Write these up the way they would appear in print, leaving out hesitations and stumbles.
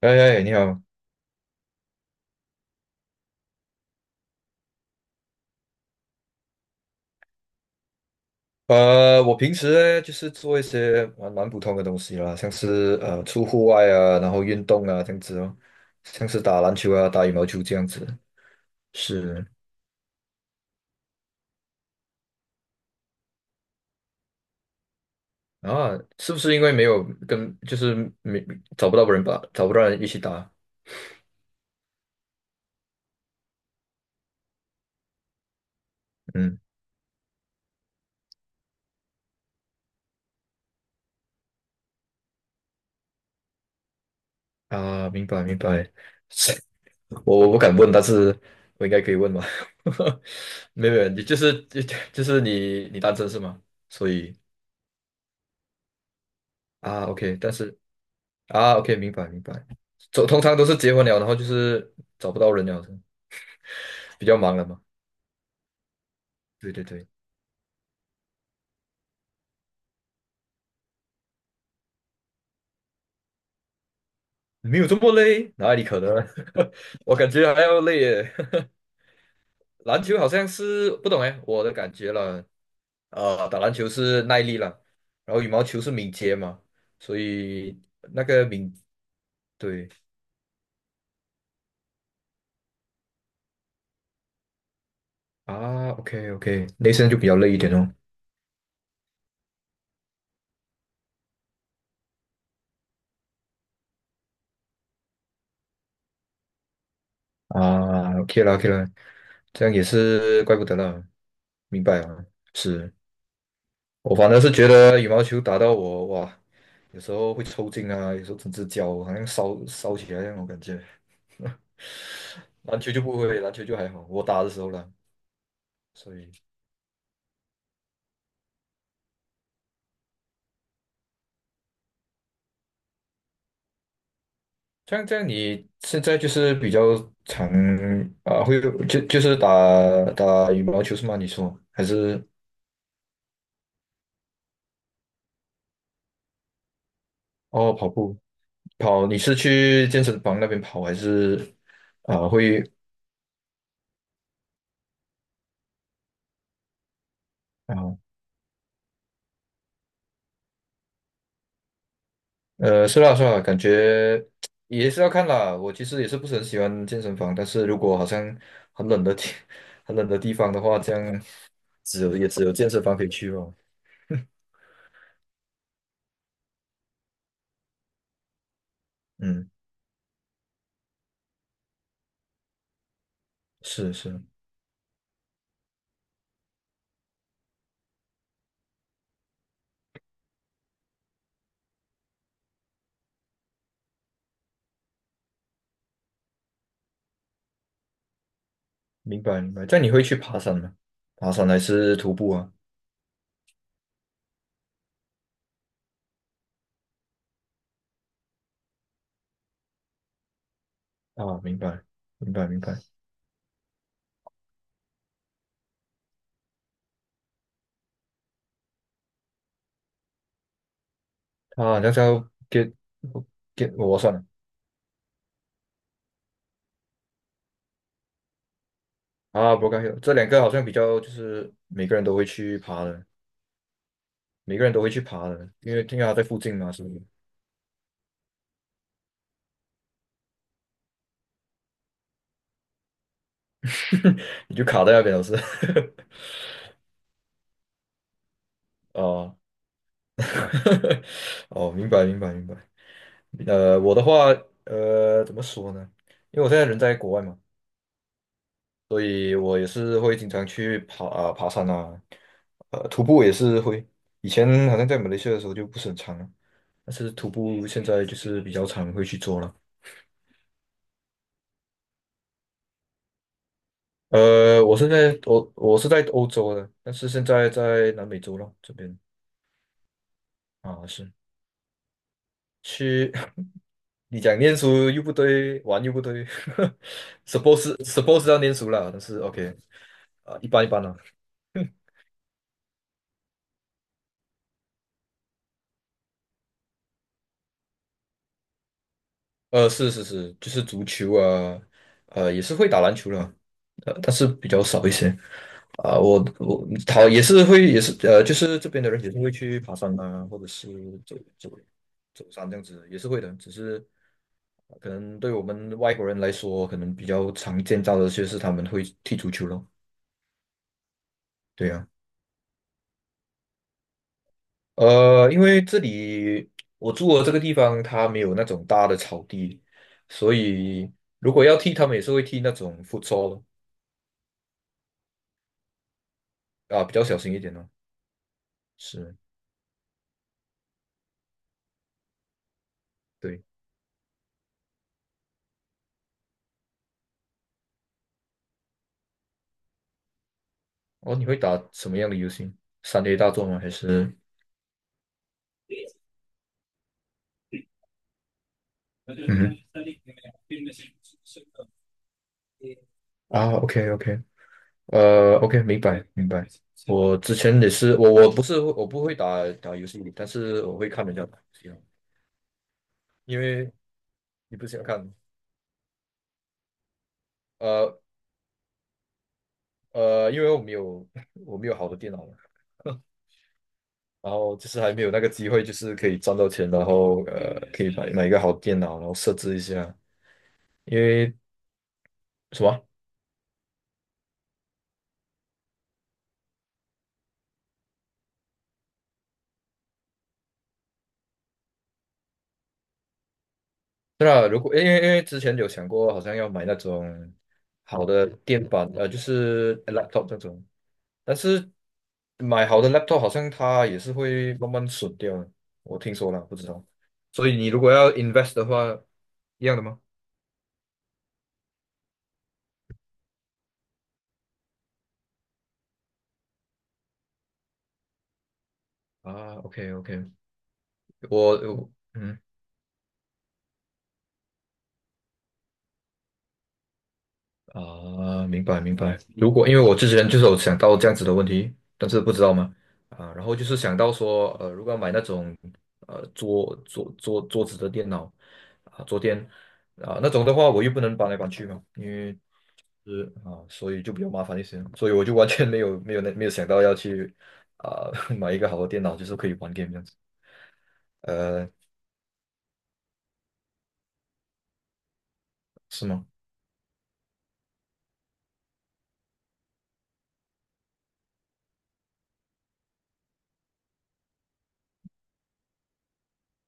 哎哎，你好，我平时呢就是做一些蛮普通的东西啦，像是出户外啊，然后运动啊这样子哦，像是打篮球啊、打羽毛球这样子。是啊，是不是因为没有跟就是没找不到人吧，找不到人一起打？嗯啊，明白明白，是我不敢问，但是我应该可以问吧？没有没有，你就是 就是你单身是吗？所以啊，OK，但是。啊，OK，明白明白。走，通常都是结婚了，然后就是找不到人了，比较忙了嘛。对对对，没有这么累，哪里可能？我感觉还要累耶。篮球好像是不懂哎，我的感觉了。打篮球是耐力了，然后羽毛球是敏捷嘛，所以那个敏，对啊，OK OK，内身就比较累一点哦。啊，OK 了 OK 了，这样也是怪不得了，明白啊，是。我反正是觉得羽毛球打到我哇，有时候会抽筋啊，有时候整只脚好像烧烧起来那种感觉。篮球就不会，篮球就还好，我打的时候呢，所以这样，你现在就是比较常啊，会就是打羽毛球是吗？你说还是哦跑步跑？你是去健身房那边跑还是啊会？啊是啦是啦，感觉也是要看啦。我其实也是不是很喜欢健身房，但是如果好像很冷的天、很冷的地方的话，这样只有也只有健身房可以去哦。嗯，是是，明白明白。这样你会去爬山吗？爬山还是徒步啊？啊，明白明白明白。啊，那叫 get get 我算了啊不 r o c 这两个好像比较就是每个人都会去爬的，每个人都会去爬的，因为它在附近嘛，是不是？你就卡在那边老师。哦，哦，明白明白明白。我的话，怎么说呢？因为我现在人在国外嘛，所以我也是会经常去爬山啊，徒步也是会。以前好像在马来西亚的时候就不是很常了，但是徒步现在就是比较常会去做了。我现在我是在欧洲的，但是现在在南美洲了这边啊，是。去，你讲念书又不对，玩又不对 suppose 要念书了，但是 OK 啊、一般一般啦。是是是，就是足球啊，也是会打篮球了，但是比较少一些。啊、我他也是会，也是就是这边的人也是会去爬山啊，或者是走走山这样子，也是会的。只是可能对我们外国人来说，可能比较常见到的就是他们会踢足球咯。对啊。因为这里我住的这个地方，它没有那种大的草地，所以如果要剃，他们也是会剃那种 f u t 的啊，比较小心一点哦。是，对。哦，你会打什么样的游戏？3A 大作吗？还是？嗯哼啊，OK OK，OK，明白明白。我之前也是，我我不是我不会打游戏但是我会看人家打游戏哦，因为你不喜欢看，呃因为我没有 我没有好的电脑嘛，然后就是还没有那个机会，就是可以赚到钱，然后可以买一个好电脑，然后设置一下。因为什么？对啊，如果因为之前有想过，好像要买那种好的电板，就是 laptop 那种，但是买好的 laptop 好像它也是会慢慢损掉的，我听说了，不知道。所以你如果要 invest 的话，一样的吗？啊，OK OK，我嗯。啊，明白明白。如果因为我之前就是有想到这样子的问题，但是不知道嘛，啊，然后就是想到说，如果要买那种桌子的电脑啊桌垫啊那种的话，我又不能搬来搬去嘛，因为是啊，所以就比较麻烦一些，所以我就完全没有没有那没有想到要去啊 买一个好的电脑，就是可以玩 g a 这样子。呃，是吗？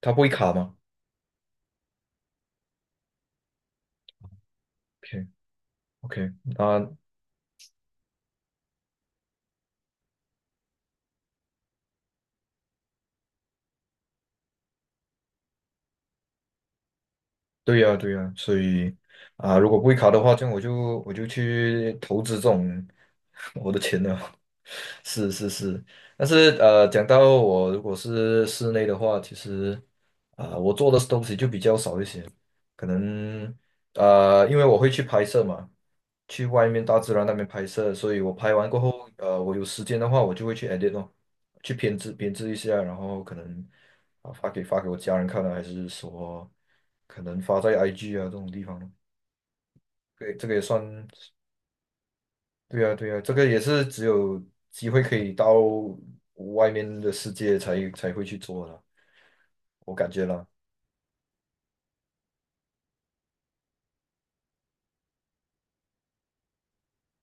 它不会卡吗？OK OK，那对呀，对呀，所以啊，如果不会卡的话，这样我就去投资这种 我的钱了。是是是，但是讲到我如果是室内的话，其实啊、我做的东西就比较少一些，可能因为我会去拍摄嘛，去外面大自然那边拍摄，所以我拍完过后，我有时间的话，我就会去 edit 咯，去编制编制一下，然后可能啊发给我家人看啊，还是说可能发在 IG 啊这种地方咯，对，这个也算。对呀，对呀，这个也是只有机会可以到外面的世界才会去做的，我感觉啦。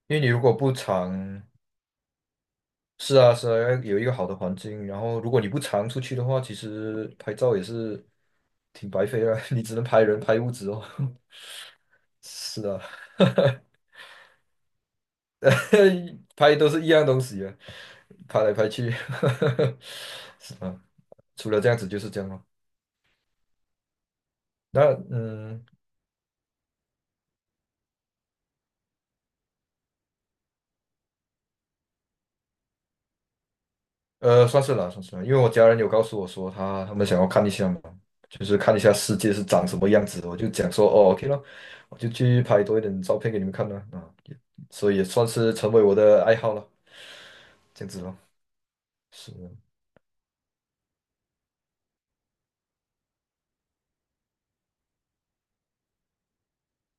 因为你如果不常，是啊是啊，要有一个好的环境，然后如果你不常出去的话，其实拍照也是挺白费啊，你只能拍人拍物质哦。是啊，拍都是一样东西啊，拍来拍去，是啊，除了这样子就是这样咯。那嗯。算是啦，算是啦，因为我家人有告诉我说他们想要看一下嘛，就是看一下世界是长什么样子的，我就讲说哦，OK 了，我就去拍多一点照片给你们看啦，啊，也所以也算是成为我的爱好了，这样子咯，是的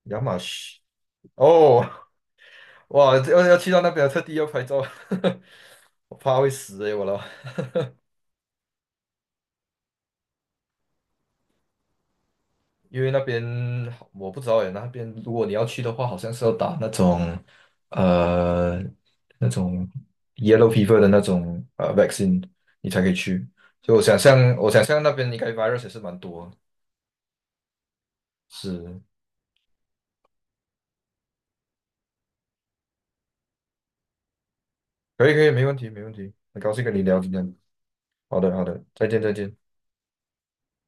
亚马逊哦，哇，要去到那边特地要拍照，我怕会死诶、我了，因为那边我不知道耶，那边如果你要去的话，好像是要打那种呃那种 yellow fever 的那种vaccine，你才可以去。所以我想象，我想象那边应该 virus 也是蛮多的。是，可以可以，没问题没问题。很高兴跟你聊今天。好的好的，再见再见。